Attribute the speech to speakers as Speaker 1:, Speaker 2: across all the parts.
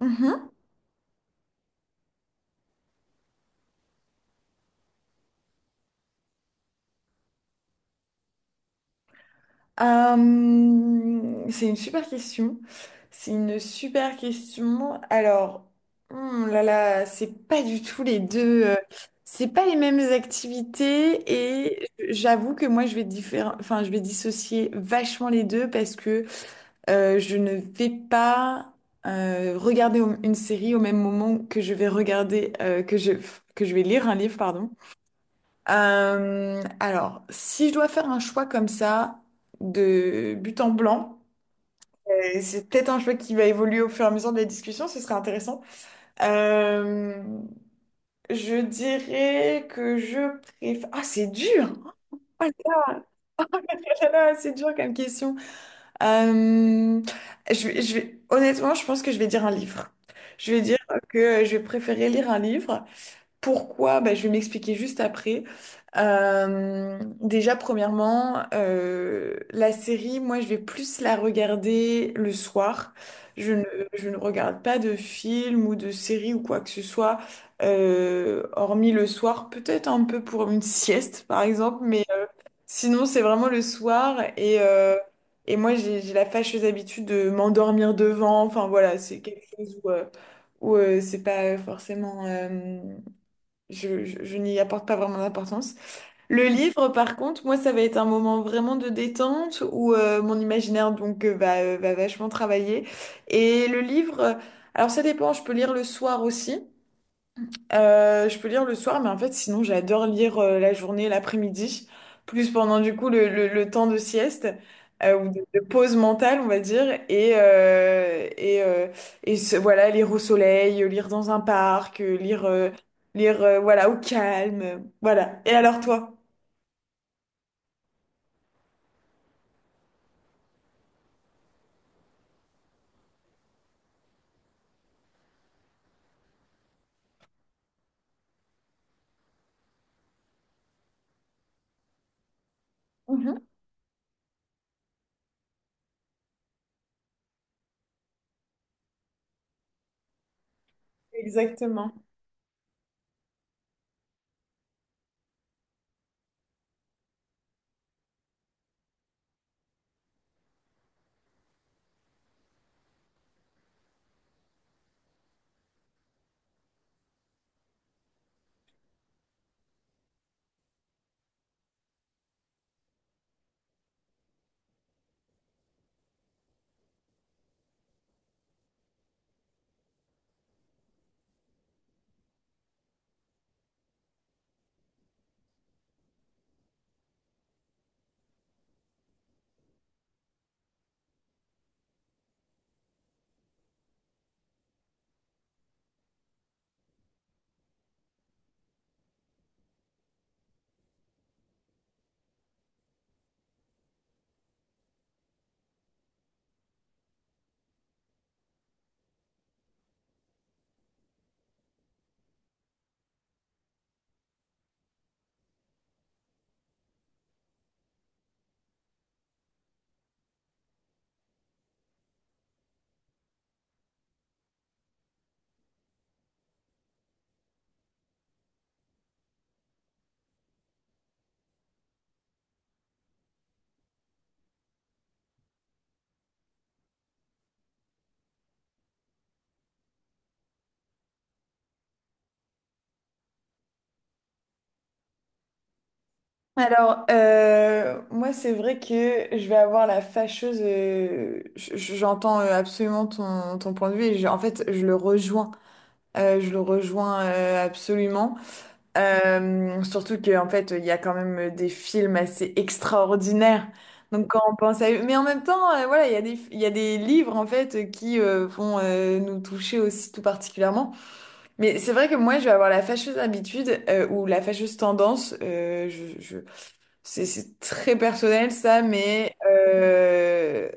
Speaker 1: Mhm. C'est une super question. C'est une super question. Alors, là là, c'est pas du tout les deux. C'est pas les mêmes activités et j'avoue que moi je vais enfin je vais dissocier vachement les deux parce que je ne vais pas regarder une série au même moment que je vais regarder que je vais lire un livre, pardon. Alors, si je dois faire un choix comme ça, de but en blanc, c'est peut-être un choix qui va évoluer au fur et à mesure des discussions, ce serait intéressant. Euh, je dirais que je préfère... Ah, c'est dur! Oh là là, c'est dur comme question. Euh, Honnêtement, je pense que je vais dire un livre. Je vais dire que je vais préférer lire un livre. Pourquoi? Bah, je vais m'expliquer juste après. Déjà, premièrement, la série, moi, je vais plus la regarder le soir. Je ne, je ne regarde pas de film ou de série ou quoi que ce soit, hormis le soir, peut-être un peu pour une sieste, par exemple, mais sinon, c'est vraiment le soir. Et moi, j'ai la fâcheuse habitude de m'endormir devant. Enfin, voilà, c'est quelque chose où c'est pas forcément... je n'y apporte pas vraiment d'importance. Le livre, par contre, moi, ça va être un moment vraiment de détente où mon imaginaire donc va, va vachement travailler. Et le livre, alors ça dépend, je peux lire le soir aussi. Je peux lire le soir, mais en fait, sinon, j'adore lire la journée, l'après-midi, plus pendant du coup le temps de sieste ou de pause mentale, on va dire, et voilà, lire au soleil, lire dans un parc, lire voilà au calme, voilà. Et alors toi? Mhm. Exactement. Alors, moi, c'est vrai que je vais avoir la fâcheuse. J'entends absolument ton, ton point de vue et en fait, je le rejoins. Je le rejoins absolument. Surtout qu'en fait, il y a quand même des films assez extraordinaires. Donc quand on pense à eux, mais en même temps, voilà, il y a des, il y a des livres en fait qui vont nous toucher aussi tout particulièrement. Mais c'est vrai que moi, je vais avoir la fâcheuse habitude ou la fâcheuse tendance, je c'est très personnel ça, mais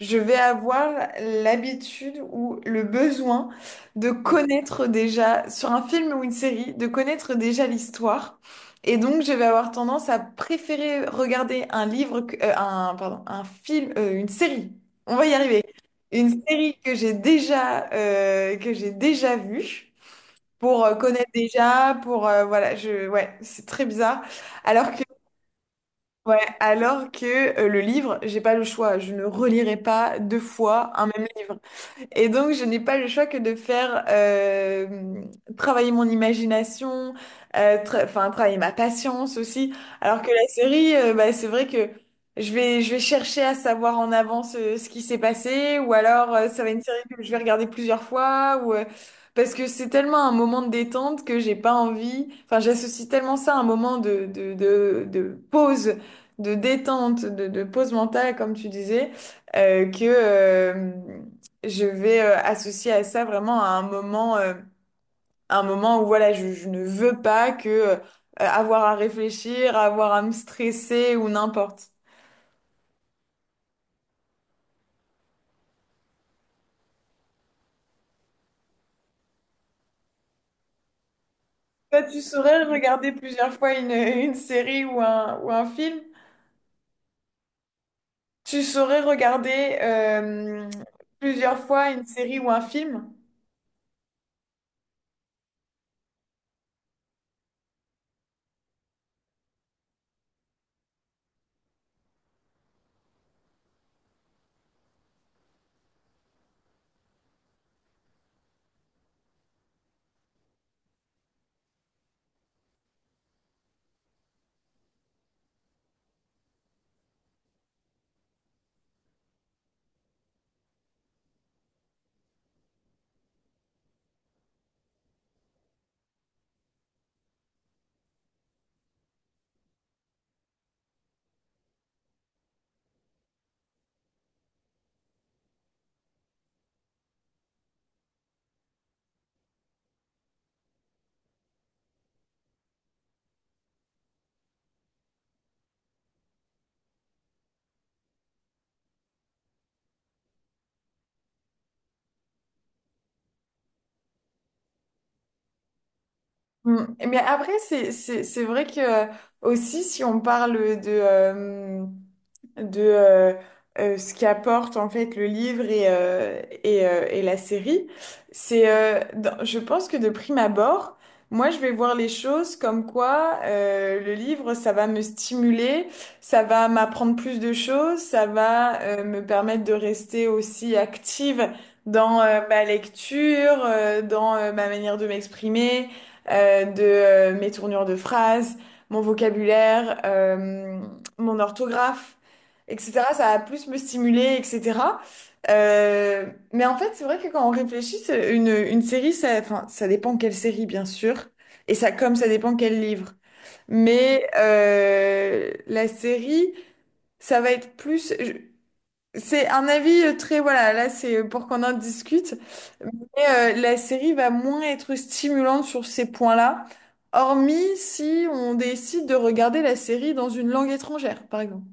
Speaker 1: je vais avoir l'habitude ou le besoin de connaître déjà, sur un film ou une série, de connaître déjà l'histoire. Et donc, je vais avoir tendance à préférer regarder un livre, un, pardon, un film, une série. On va y arriver. Une série que j'ai déjà vue pour connaître déjà, pour, voilà, je, ouais, c'est très bizarre. Alors que ouais, alors que le livre, j'ai pas le choix, je ne relirai pas deux fois un même livre. Et donc, je n'ai pas le choix que de faire travailler mon imagination, enfin, travailler ma patience aussi. Alors que la série, bah, c'est vrai que je vais chercher à savoir en avance ce qui s'est passé, ou alors ça va être une série que je vais regarder plusieurs fois, parce que c'est tellement un moment de détente que j'ai pas envie. Enfin, j'associe tellement ça à un moment de pause, de détente, de pause mentale, comme tu disais, que. Je vais associer à ça vraiment à un moment où voilà, je ne veux pas que avoir à réfléchir, avoir à me stresser ou n'importe. Toi, tu saurais regarder plusieurs fois une, une série ou un film? Tu saurais regarder plusieurs fois une série ou un film? Mm. Mais après, c'est vrai que aussi, si on parle de, euh, de ce qu'apporte en fait le livre et la série, c'est, je pense que de prime abord, moi, je vais voir les choses comme quoi le livre, ça va me stimuler, ça va m'apprendre plus de choses, ça va me permettre de rester aussi active dans ma lecture, dans ma manière de m'exprimer de mes tournures de phrases, mon vocabulaire, mon orthographe, etc. Ça va plus me stimuler, etc. Euh, mais en fait, c'est vrai que quand on réfléchit, c'est une série, ça, enfin, ça dépend quelle série, bien sûr, et ça, comme ça dépend quel livre. Mais la série, ça va être plus. C'est un avis très, voilà, là c'est pour qu'on en discute, mais la série va moins être stimulante sur ces points-là, hormis si on décide de regarder la série dans une langue étrangère, par exemple.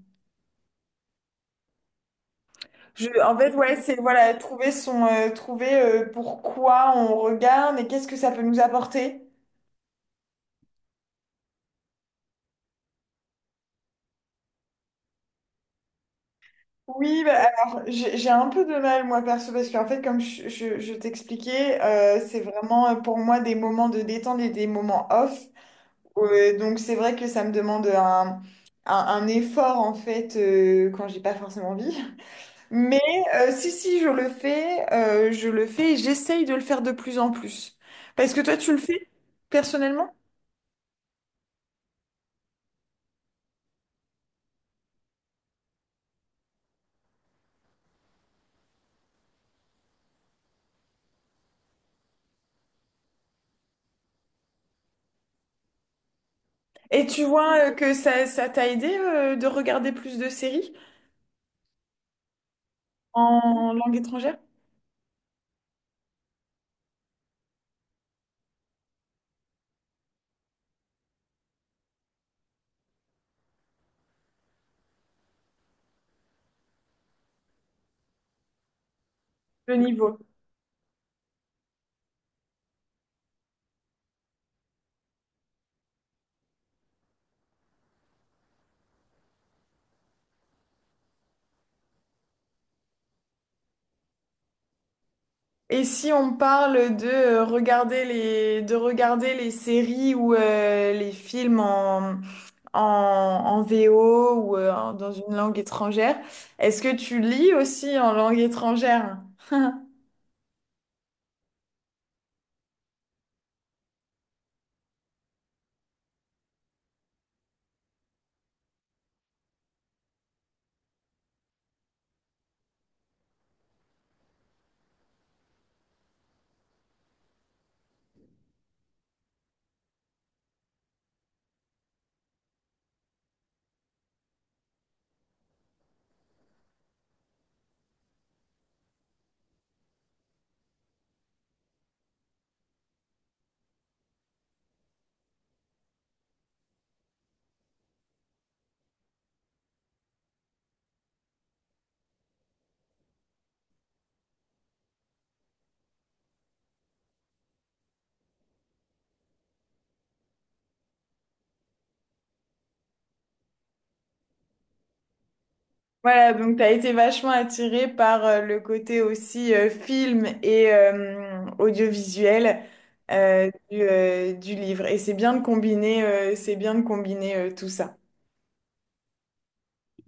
Speaker 1: Je, en fait, ouais, c'est voilà, trouver son, trouver pourquoi on regarde et qu'est-ce que ça peut nous apporter. Oui, bah, alors j'ai un peu de mal moi perso parce qu'en fait comme je t'expliquais, c'est vraiment pour moi des moments de détente et des moments off. Ouais, donc c'est vrai que ça me demande un effort en fait quand j'ai pas forcément envie. Mais si je le fais, je le fais et j'essaye de le faire de plus en plus. Parce que toi tu le fais personnellement et tu vois que ça t'a aidé de regarder plus de séries en langue étrangère, le niveau. Et si on parle de regarder les de regarder les séries ou les films en en VO ou dans une langue étrangère. Est-ce que tu lis aussi en langue étrangère? Voilà, donc tu as été vachement attirée par le côté aussi film et audiovisuel du livre. Et c'est bien de combiner, c'est bien de combiner tout ça.